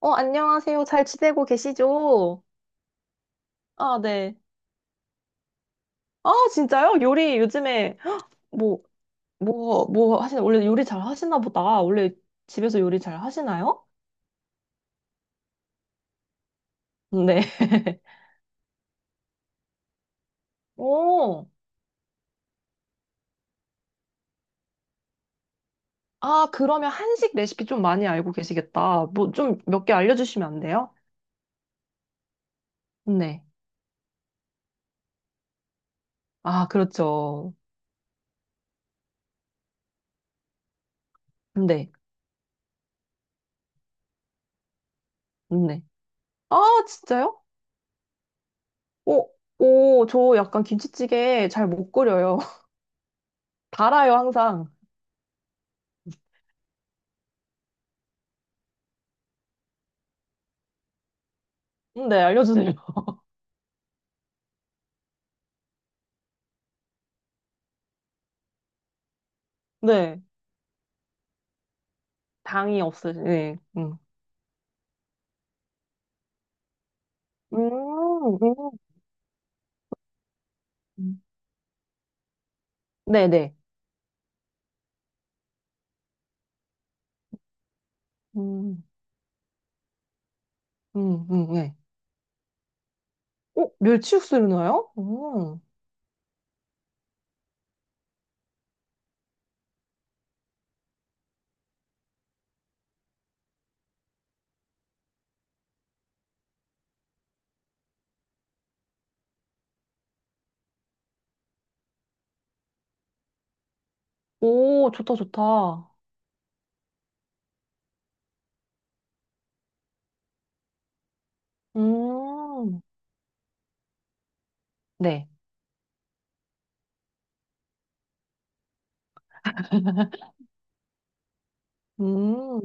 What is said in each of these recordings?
어, 안녕하세요. 잘 지내고 계시죠? 아, 네. 아, 진짜요? 요리 요즘에 뭐, 뭐 하시나? 원래 요리 잘 하시나 보다. 원래 집에서 요리 잘 하시나요? 네. 오. 아, 그러면 한식 레시피 좀 많이 알고 계시겠다. 뭐 좀 몇 개 알려주시면 안 돼요? 네. 아, 그렇죠. 네. 네. 아, 진짜요? 오, 오, 저 약간 김치찌개 잘 못 끓여요. 달아요, 항상. 네, 알려주세요. 네. 당이 없으신, 네. 음. 음, 음. 음, 네네. 음, 네. 어, 멸치육수를 넣어요? 음. 오, 좋다, 좋다. 음, 네. 음,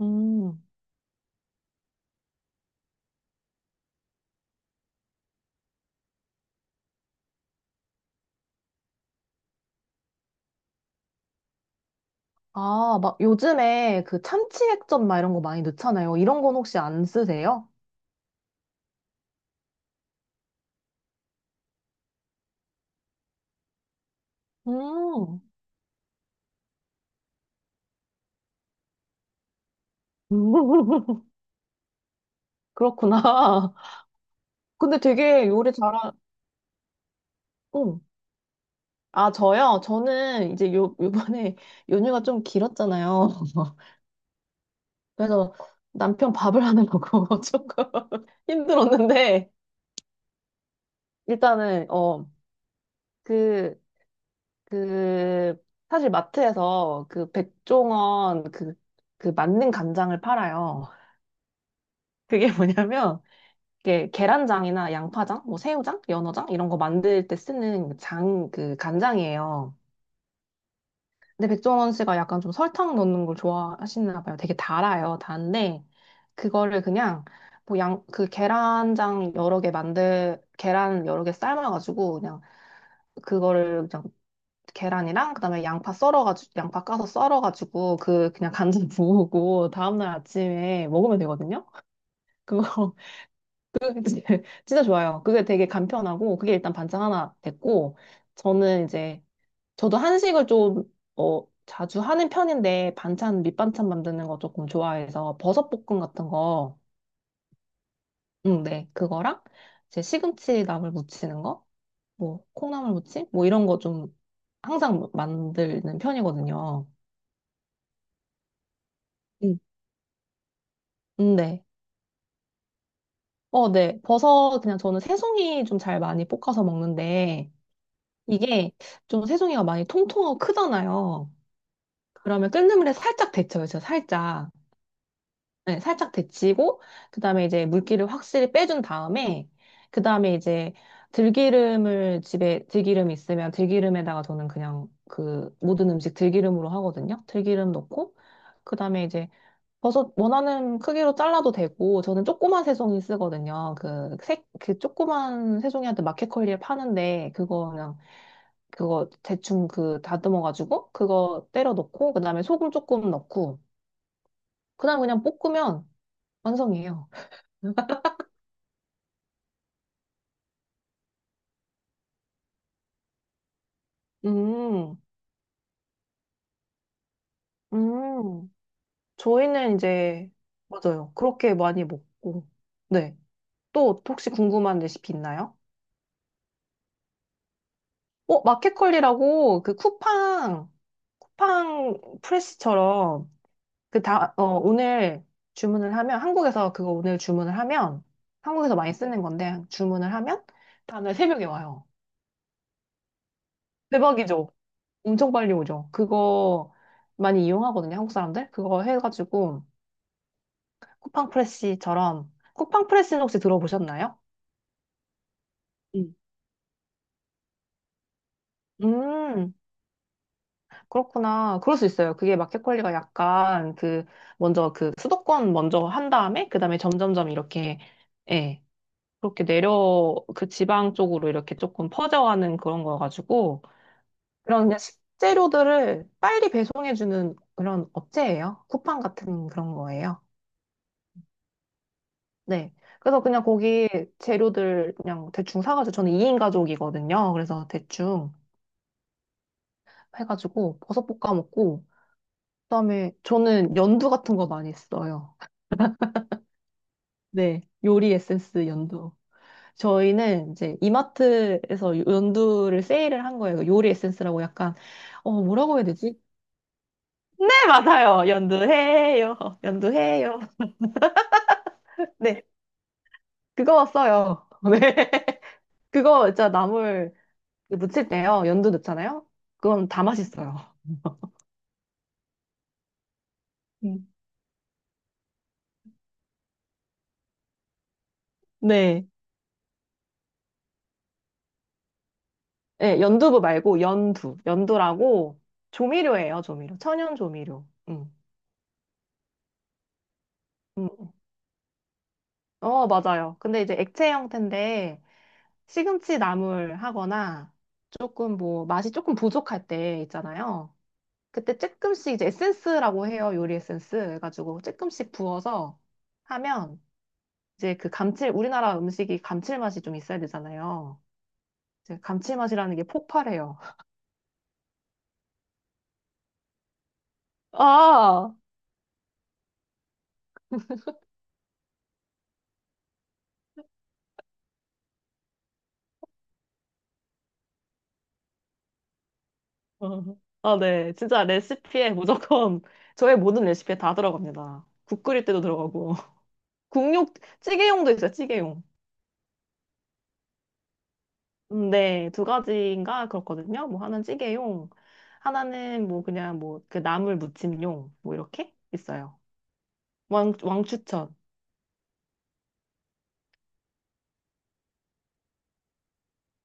음. 아, 막 요즘에 그 참치액젓 막 이런 거 많이 넣잖아요. 이런 건 혹시 안 쓰세요? 음, 그렇구나. 근데 되게 요리 잘하, 응. 아, 저요? 저는 이제 요번에 연휴가 좀 길었잖아요. 그래서 남편 밥을 하는 거고 조금 힘들었는데, 일단은, 어, 그, 그, 사실 마트에서 그 백종원 그, 그 만능 간장을 팔아요. 그게 뭐냐면, 이게 계란장이나 양파장, 뭐 새우장, 연어장, 이런 거 만들 때 쓰는 그 장, 그 간장이에요. 근데 백종원 씨가 약간 좀 설탕 넣는 걸 좋아하시나 봐요. 되게 달아요. 단데 그거를 그냥 뭐 양 그 계란장 여러 개 만들 계란 여러 개 삶아가지고 그냥 그거를 그냥 계란이랑 그다음에 양파 썰어가지고 양파 까서 썰어가지고 그 그냥 간장 부으고 다음날 아침에 먹으면 되거든요. 그거 그거 진짜 진짜 좋아요. 그게 되게 간편하고 그게 일단 반찬 하나 됐고 저는 이제 저도 한식을 좀, 어, 자주 하는 편인데, 반찬, 밑반찬 만드는 거 조금 좋아해서, 버섯볶음 같은 거, 응, 네, 그거랑, 제 시금치 나물 무치는 거, 뭐, 콩나물 무침? 뭐, 이런 거 좀, 항상 만드는 편이거든요. 음. 네. 어, 네. 버섯, 그냥 저는 새송이 좀 잘 많이 볶아서 먹는데, 이게 좀 새송이가 많이 통통하고 크잖아요. 그러면 끓는 물에 살짝 데쳐요, 진짜 살짝. 네, 살짝 데치고, 그 다음에 이제 물기를 확실히 빼준 다음에, 그 다음에 이제 들기름을 집에 들기름 있으면 들기름에다가 저는 그냥 그 모든 음식 들기름으로 하거든요. 들기름 넣고, 그 다음에 이제 버섯 원하는 크기로 잘라도 되고, 저는 조그만 새송이 쓰거든요. 그 색, 그 조그만 새송이한테 마켓컬리에 파는데, 그거 그냥, 그거 대충 그 다듬어가지고, 그거 때려 넣고, 그 다음에 소금 조금 넣고, 그 다음에 그냥 볶으면 완성이에요. 음, 음. 저희는 이제, 맞아요. 그렇게 많이 먹고. 네. 또 혹시 궁금한 레시피 있나요? 어, 마켓컬리라고 그 쿠팡, 쿠팡 프레스처럼 그 다, 어, 오늘 주문을 하면, 한국에서 그거 오늘 주문을 하면, 한국에서 많이 쓰는 건데, 주문을 하면, 다음날 새벽에 와요. 대박이죠? 엄청 빨리 오죠? 그거 많이 이용하거든요, 한국 사람들? 그거 해가지고, 쿠팡 프레시처럼. 쿠팡 프레시는 혹시 들어보셨나요? 음. 음, 그렇구나. 그럴 수 있어요. 그게 마켓 관리가 약간 그, 먼저 그 수도권 먼저 한 다음에, 그 다음에 점점점 이렇게, 예, 그렇게 내려, 그 지방 쪽으로 이렇게 조금 퍼져가는 그런 거여가지고, 그런 그냥 식재료들을 빨리 배송해주는 그런 업체예요. 쿠팡 같은 그런 거예요. 네. 그래서 그냥 거기 재료들 그냥 대충 사가지고, 저는 2인 가족이거든요. 그래서 대충, 해가지고 버섯 볶아 먹고 그다음에 저는 연두 같은 거 많이 써요. 네, 요리 에센스 연두. 저희는 이제 이마트에서 연두를 세일을 한 거예요. 그 요리 에센스라고 약간 어 뭐라고 해야 되지? 네, 맞아요. 연두해요. 연두해요. 네, 그거 써요. 네, 그거 진짜 나물 무칠 때요. 연두 넣잖아요. 그건 다 맛있어요. 음. 네. 예, 연두부 말고 연두. 연두라고 조미료예요, 조미료. 천연 조미료. 음. 음. 어, 맞아요. 근데 이제 액체 형태인데 시금치 나물 하거나 조금 뭐 맛이 조금 부족할 때 있잖아요. 그때 조금씩 이제 에센스라고 해요. 요리 에센스 해가지고 조금씩 부어서 하면 이제 그 감칠, 우리나라 음식이 감칠맛이 좀 있어야 되잖아요. 이제 감칠맛이라는 게 폭발해요. 아, 어. 아, 네. 진짜 레시피에 무조건 저의 모든 레시피에 다 들어갑니다. 국 끓일 때도 들어가고. 국육, 찌개용도 있어요, 찌개용. 네, 두 가지인가 그렇거든요. 뭐 하나는 찌개용, 하나는 뭐 그냥 뭐 그 나물 무침용, 뭐 이렇게 있어요. 왕추천.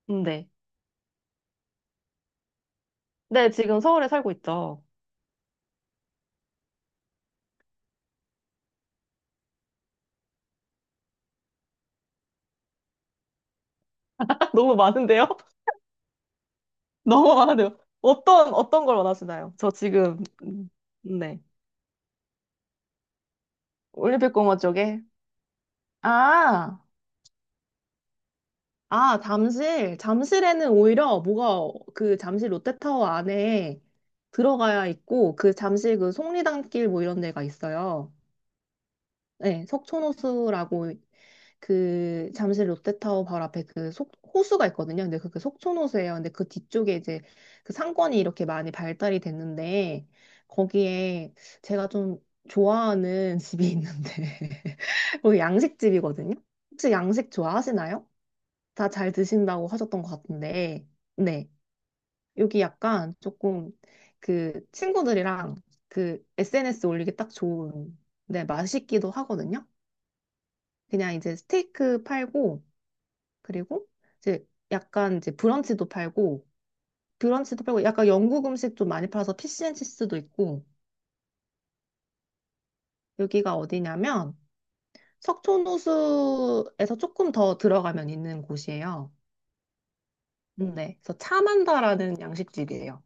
네. 네, 지금 서울에 살고 있죠. 너무 많은데요? 너무 많은데요? 어떤, 어떤 걸 원하시나요? 저 지금, 네. 올림픽공원 쪽에. 아! 아, 잠실. 잠실에는 오히려 뭐가 그 잠실 롯데타워 안에 들어가야 있고 그 잠실 그 속리단길 뭐 이런 데가 있어요. 네, 석촌호수라고 그 잠실 롯데타워 바로 앞에 그 속, 호수가 있거든요. 근데 그게 속촌호수예요. 근데 그 뒤쪽에 이제 그 상권이 이렇게 많이 발달이 됐는데 거기에 제가 좀 좋아하는 집이 있는데 거기 양식집이거든요. 혹시 양식 좋아하시나요? 다 잘 드신다고 하셨던 것 같은데, 네. 여기 약간 조금 그 친구들이랑 그 SNS 올리기 딱 좋은, 네, 맛있기도 하거든요. 그냥 이제 스테이크 팔고, 그리고 이제 약간 이제 브런치도 팔고, 브런치도 팔고, 약간 영국 음식 좀 많이 팔아서 피시앤치스도 있고, 여기가 어디냐면 석촌호수에서 조금 더 들어가면 있는 곳이에요. 네. 그래서 차만다라는 양식집이에요.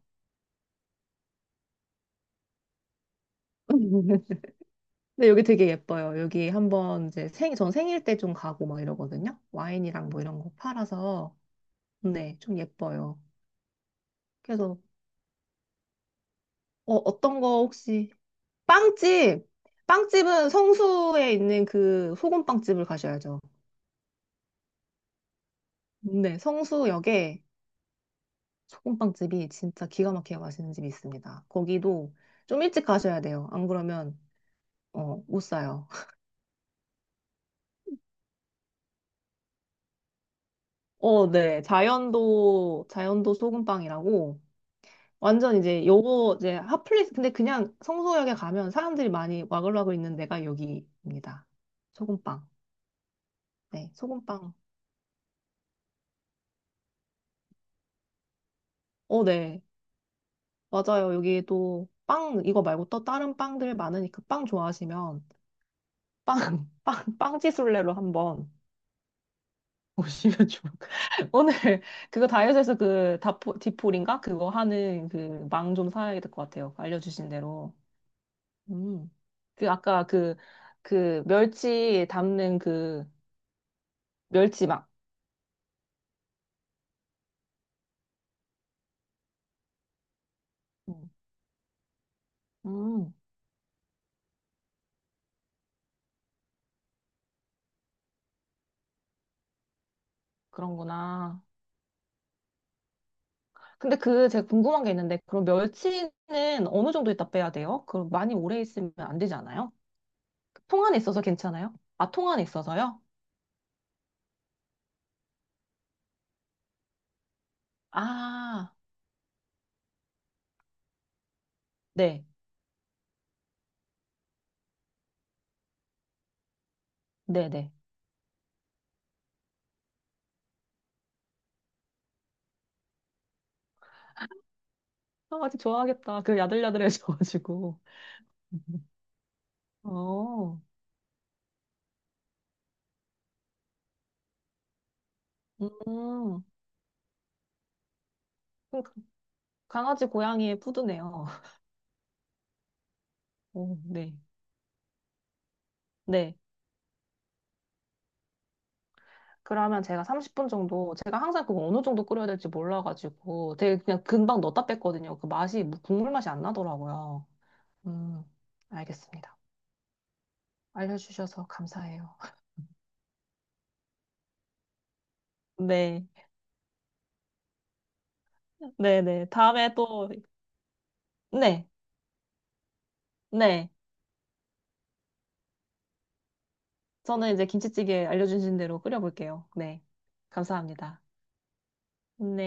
근데 여기 되게 예뻐요. 여기 한번 이제 생, 전 생일 때 좀 가고 막 이러거든요. 와인이랑 뭐 이런 거 팔아서. 네, 좀 예뻐요. 그래서, 어, 어떤 거 혹시, 빵집! 빵집은 성수에 있는 그 소금빵집을 가셔야죠. 네, 성수역에 소금빵집이 진짜 기가 막히게 맛있는 집이 있습니다. 거기도 좀 일찍 가셔야 돼요. 안 그러면, 어, 못 사요. 어, 네. 자연도, 자연도 소금빵이라고. 완전 이제 요거 이제 핫플레이스 근데 그냥 성수역에 가면 사람들이 많이 와글와글 있는 데가 여기입니다. 소금빵. 네, 소금빵. 어, 네. 맞아요. 여기 또 빵 이거 말고 또 다른 빵들 많으니까 빵 좋아하시면 빵, 빵지술래로 한번 오시면 좋을 것같요 오늘 그거 다이어트에서 그 다포, 디폴인가? 그거 하는 그 망 좀 사야 될 것 같아요. 알려주신 대로. 음. 그 아까 그, 그 멸치 담는 그 멸치막. 음, 음, 그런구나. 근데 그 제가 궁금한 게 있는데 그럼 멸치는 어느 정도 있다 빼야 돼요? 그럼 많이 오래 있으면 안 되지 않아요? 통 안에 있어서 괜찮아요? 아, 통 안에 있어서요? 아, 네, 네, 네. 아, 아직 좋아하겠다. 그 야들야들해져가지고. 어, 음, 그 강아지 고양이의 푸드네요. 오, 네, 네. 그러면 제가 30분 정도, 제가 항상 그거 어느 정도 끓여야 될지 몰라가지고 되게 그냥 금방 넣었다 뺐거든요. 그 맛이, 뭐 국물 맛이 안 나더라고요. 음, 알겠습니다. 알려주셔서 감사해요. 네. 네네. 다음에 또, 네. 네. 저는 이제 김치찌개 알려주신 대로 끓여볼게요. 네. 감사합니다. 네.